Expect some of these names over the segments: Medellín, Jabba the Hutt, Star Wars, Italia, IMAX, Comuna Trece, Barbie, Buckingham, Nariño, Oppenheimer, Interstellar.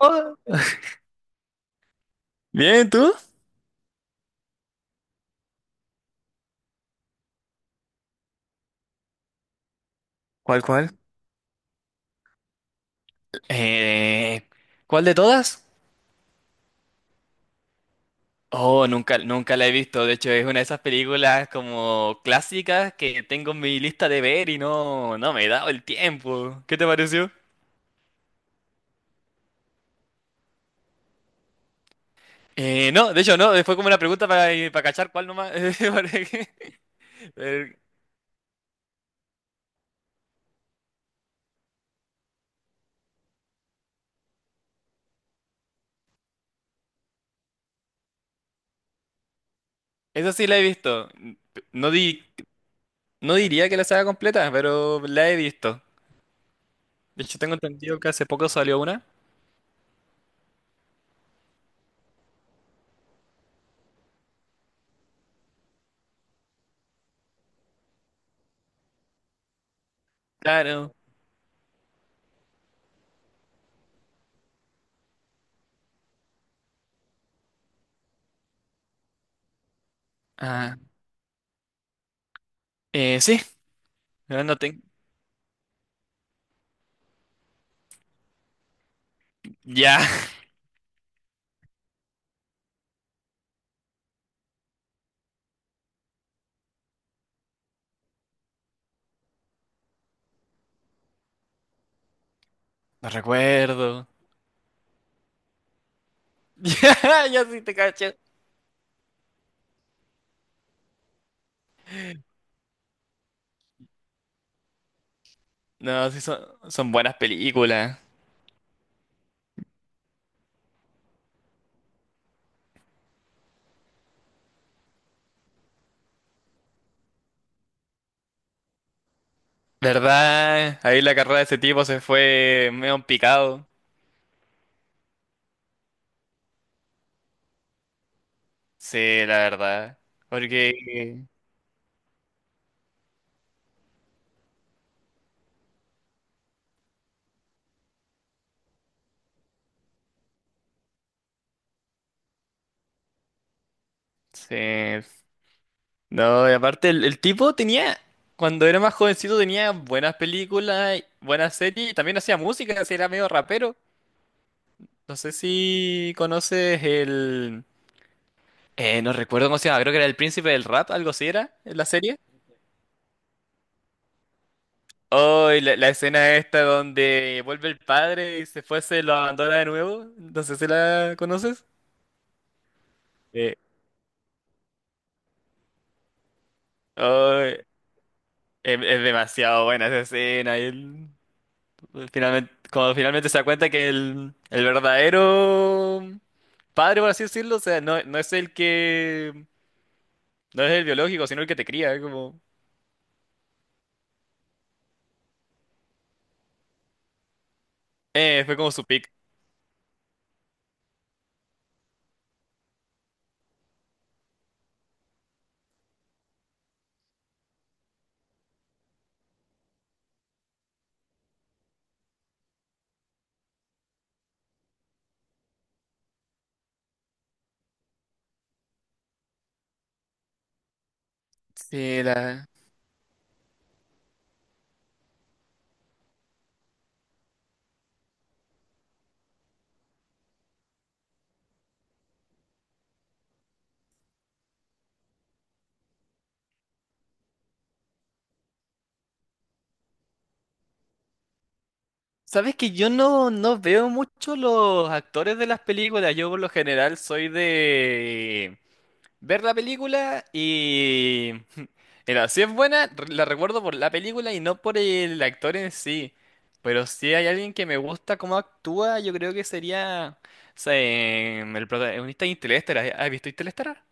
Oh, bien, ¿tú? ¿Cuál, cuál? Eh, ¿Cuál de todas? Oh, nunca, nunca la he visto. De hecho, es una de esas películas como clásicas que tengo en mi lista de ver y no me he dado el tiempo. ¿Qué te pareció? No, de hecho, no. Fue como una pregunta para para cachar cuál nomás. Porque, eh, Esa sí la he visto. No, no diría que la saga completa, pero la he visto. De hecho, tengo entendido que hace poco salió una. Claro. Ah, sí. No tengo. Ya, no recuerdo. Ya, ya sí te caché. No, sí son, son buenas películas. ¿Verdad? Ahí la carrera de ese tipo se fue medio en picado. Sí, la verdad. Porque... Sí. No, y aparte el tipo tenía... Cuando era más jovencito tenía buenas películas, buenas series y también hacía música, así era medio rapero. No sé si conoces el... No recuerdo cómo se llama, creo que era el príncipe del rap, algo así era, en la serie. Oh, y la escena esta donde vuelve el padre y se fue, se lo abandona de nuevo. No sé si la conoces. Eh, Oh, es demasiado buena esa escena. Y él, pues, finalmente, cuando finalmente se da cuenta que el verdadero padre, por así decirlo, o sea, no es el que, no es el biológico, sino el que te cría. Como, fue como su pick. Sí, la... Sabes que yo no veo mucho los actores de las películas. Yo por lo general soy de ver la película y... Mira, si es buena, la recuerdo por la película y no por el actor en sí. Pero si hay alguien que me gusta cómo actúa, yo creo que sería o sea, el protagonista de Interestelar. ¿Has visto Interestelar?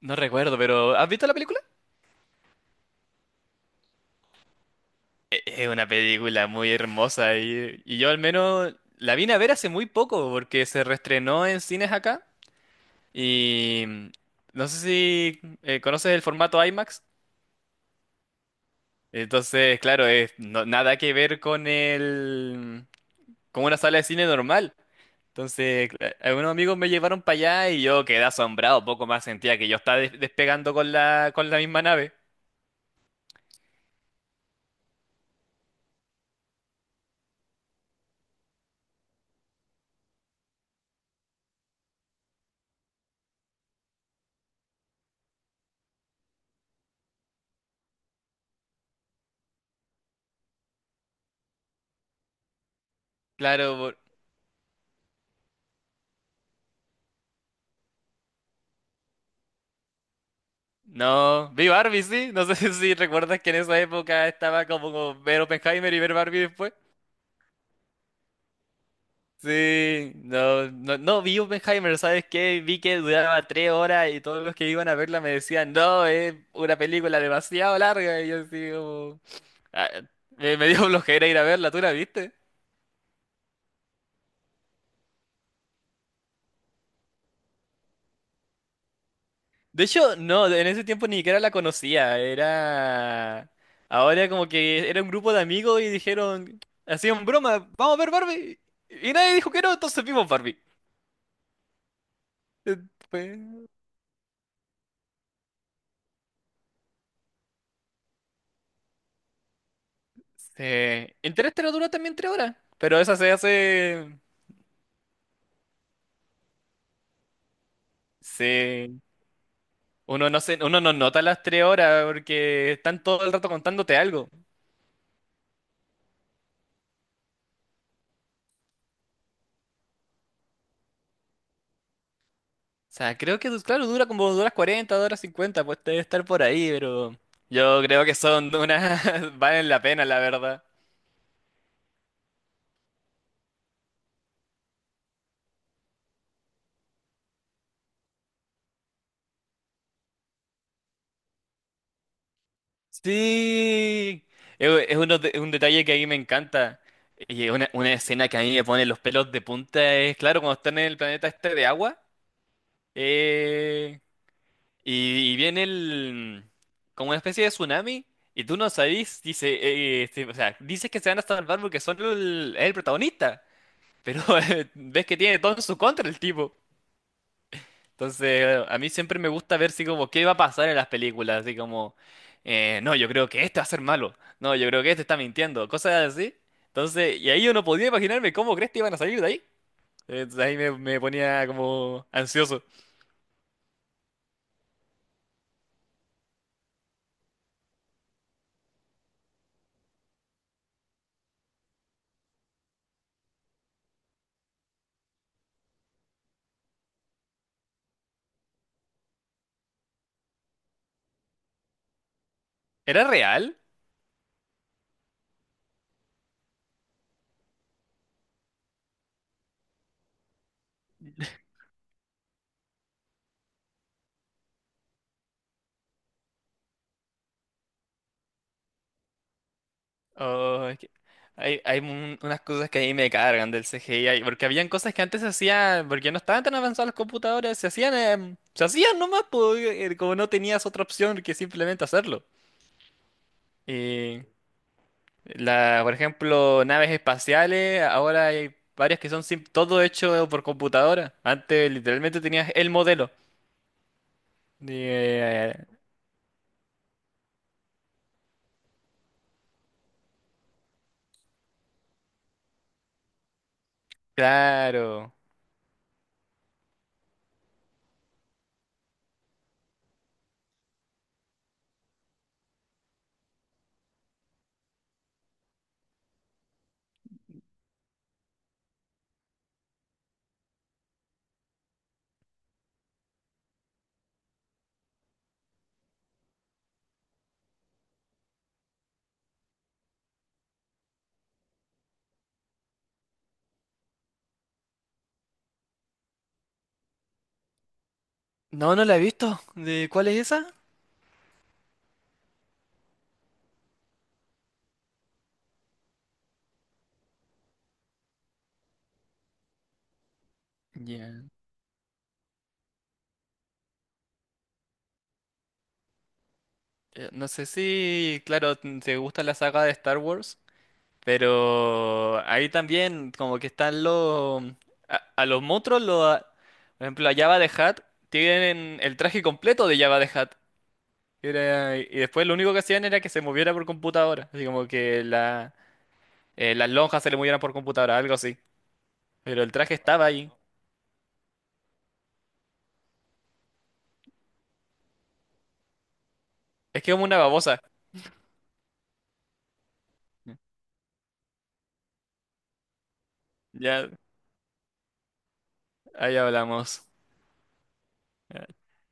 No recuerdo, pero ¿has visto la película? Es una película muy hermosa y yo al menos la vine a ver hace muy poco porque se reestrenó en cines acá y no sé si conoces el formato IMAX. Entonces, claro, es nada que ver con el con una sala de cine normal. Entonces, algunos amigos me llevaron para allá y yo quedé asombrado, poco más sentía que yo estaba despegando con la misma nave. Claro, por- no, vi Barbie, sí, no sé si recuerdas que en esa época estaba como como ver Oppenheimer y ver Barbie después. Sí, no vi Oppenheimer, ¿sabes qué? Vi que duraba tres horas y todos los que iban a verla me decían, no, es una película demasiado larga. Y yo así como, Ah, me dio flojera ir a verla, ¿tú la viste? De hecho, no, en ese tiempo ni siquiera la conocía, era... Ahora como que era un grupo de amigos y dijeron, hacían broma, vamos a ver Barbie. Y nadie dijo que no, entonces vimos Barbie. Eh, Pues... Interestelar dura también tres horas, pero esa se hace... Sí. Uno no nota las tres horas porque están todo el rato contándote algo. O sea, creo que, claro, dura como dos horas cuarenta 40, horas 50 pues debe estar por ahí, pero yo creo que son unas... valen la pena, la verdad. Sí, es un detalle que a mí me encanta. Y es una escena que a mí me pone los pelos de punta es, claro, cuando están en el planeta este de agua eh, y viene como una especie de tsunami y tú no sabes dice, este, o sea, dices que se van a salvar porque son el protagonista. Pero ves que tiene todo en su contra el tipo. Entonces, a mí siempre me gusta ver si como qué va a pasar en las películas, así como, no, yo creo que este va a ser malo, no, yo creo que este está mintiendo, cosas así. Entonces, y ahí yo no podía imaginarme cómo crees que iban a salir de ahí. Entonces ahí me ponía como ansioso. ¿Era real? Oh, es que hay unas cosas que a mí me cargan del CGI, porque habían cosas que antes se hacían, porque no estaban tan avanzados los computadores, se hacían, se hacían nomás, como no tenías otra opción que simplemente hacerlo. Y la, por ejemplo, naves espaciales, ahora hay varias que son todo hecho por computadora. Antes literalmente tenías el modelo. Y, eh, claro. No, no la he visto. ¿De cuál es esa? No sé si, claro, te gusta la saga de Star Wars, pero ahí también como que están los... a los monstruos, por ejemplo, a Jabba the Hutt, tienen el traje completo de Jabba the Hutt. Y después lo único que hacían era que se moviera por computadora, así como que la, las lonjas se le movieran por computadora, algo así. Pero el traje estaba ahí. Es que es como una babosa. Ya, ahí hablamos.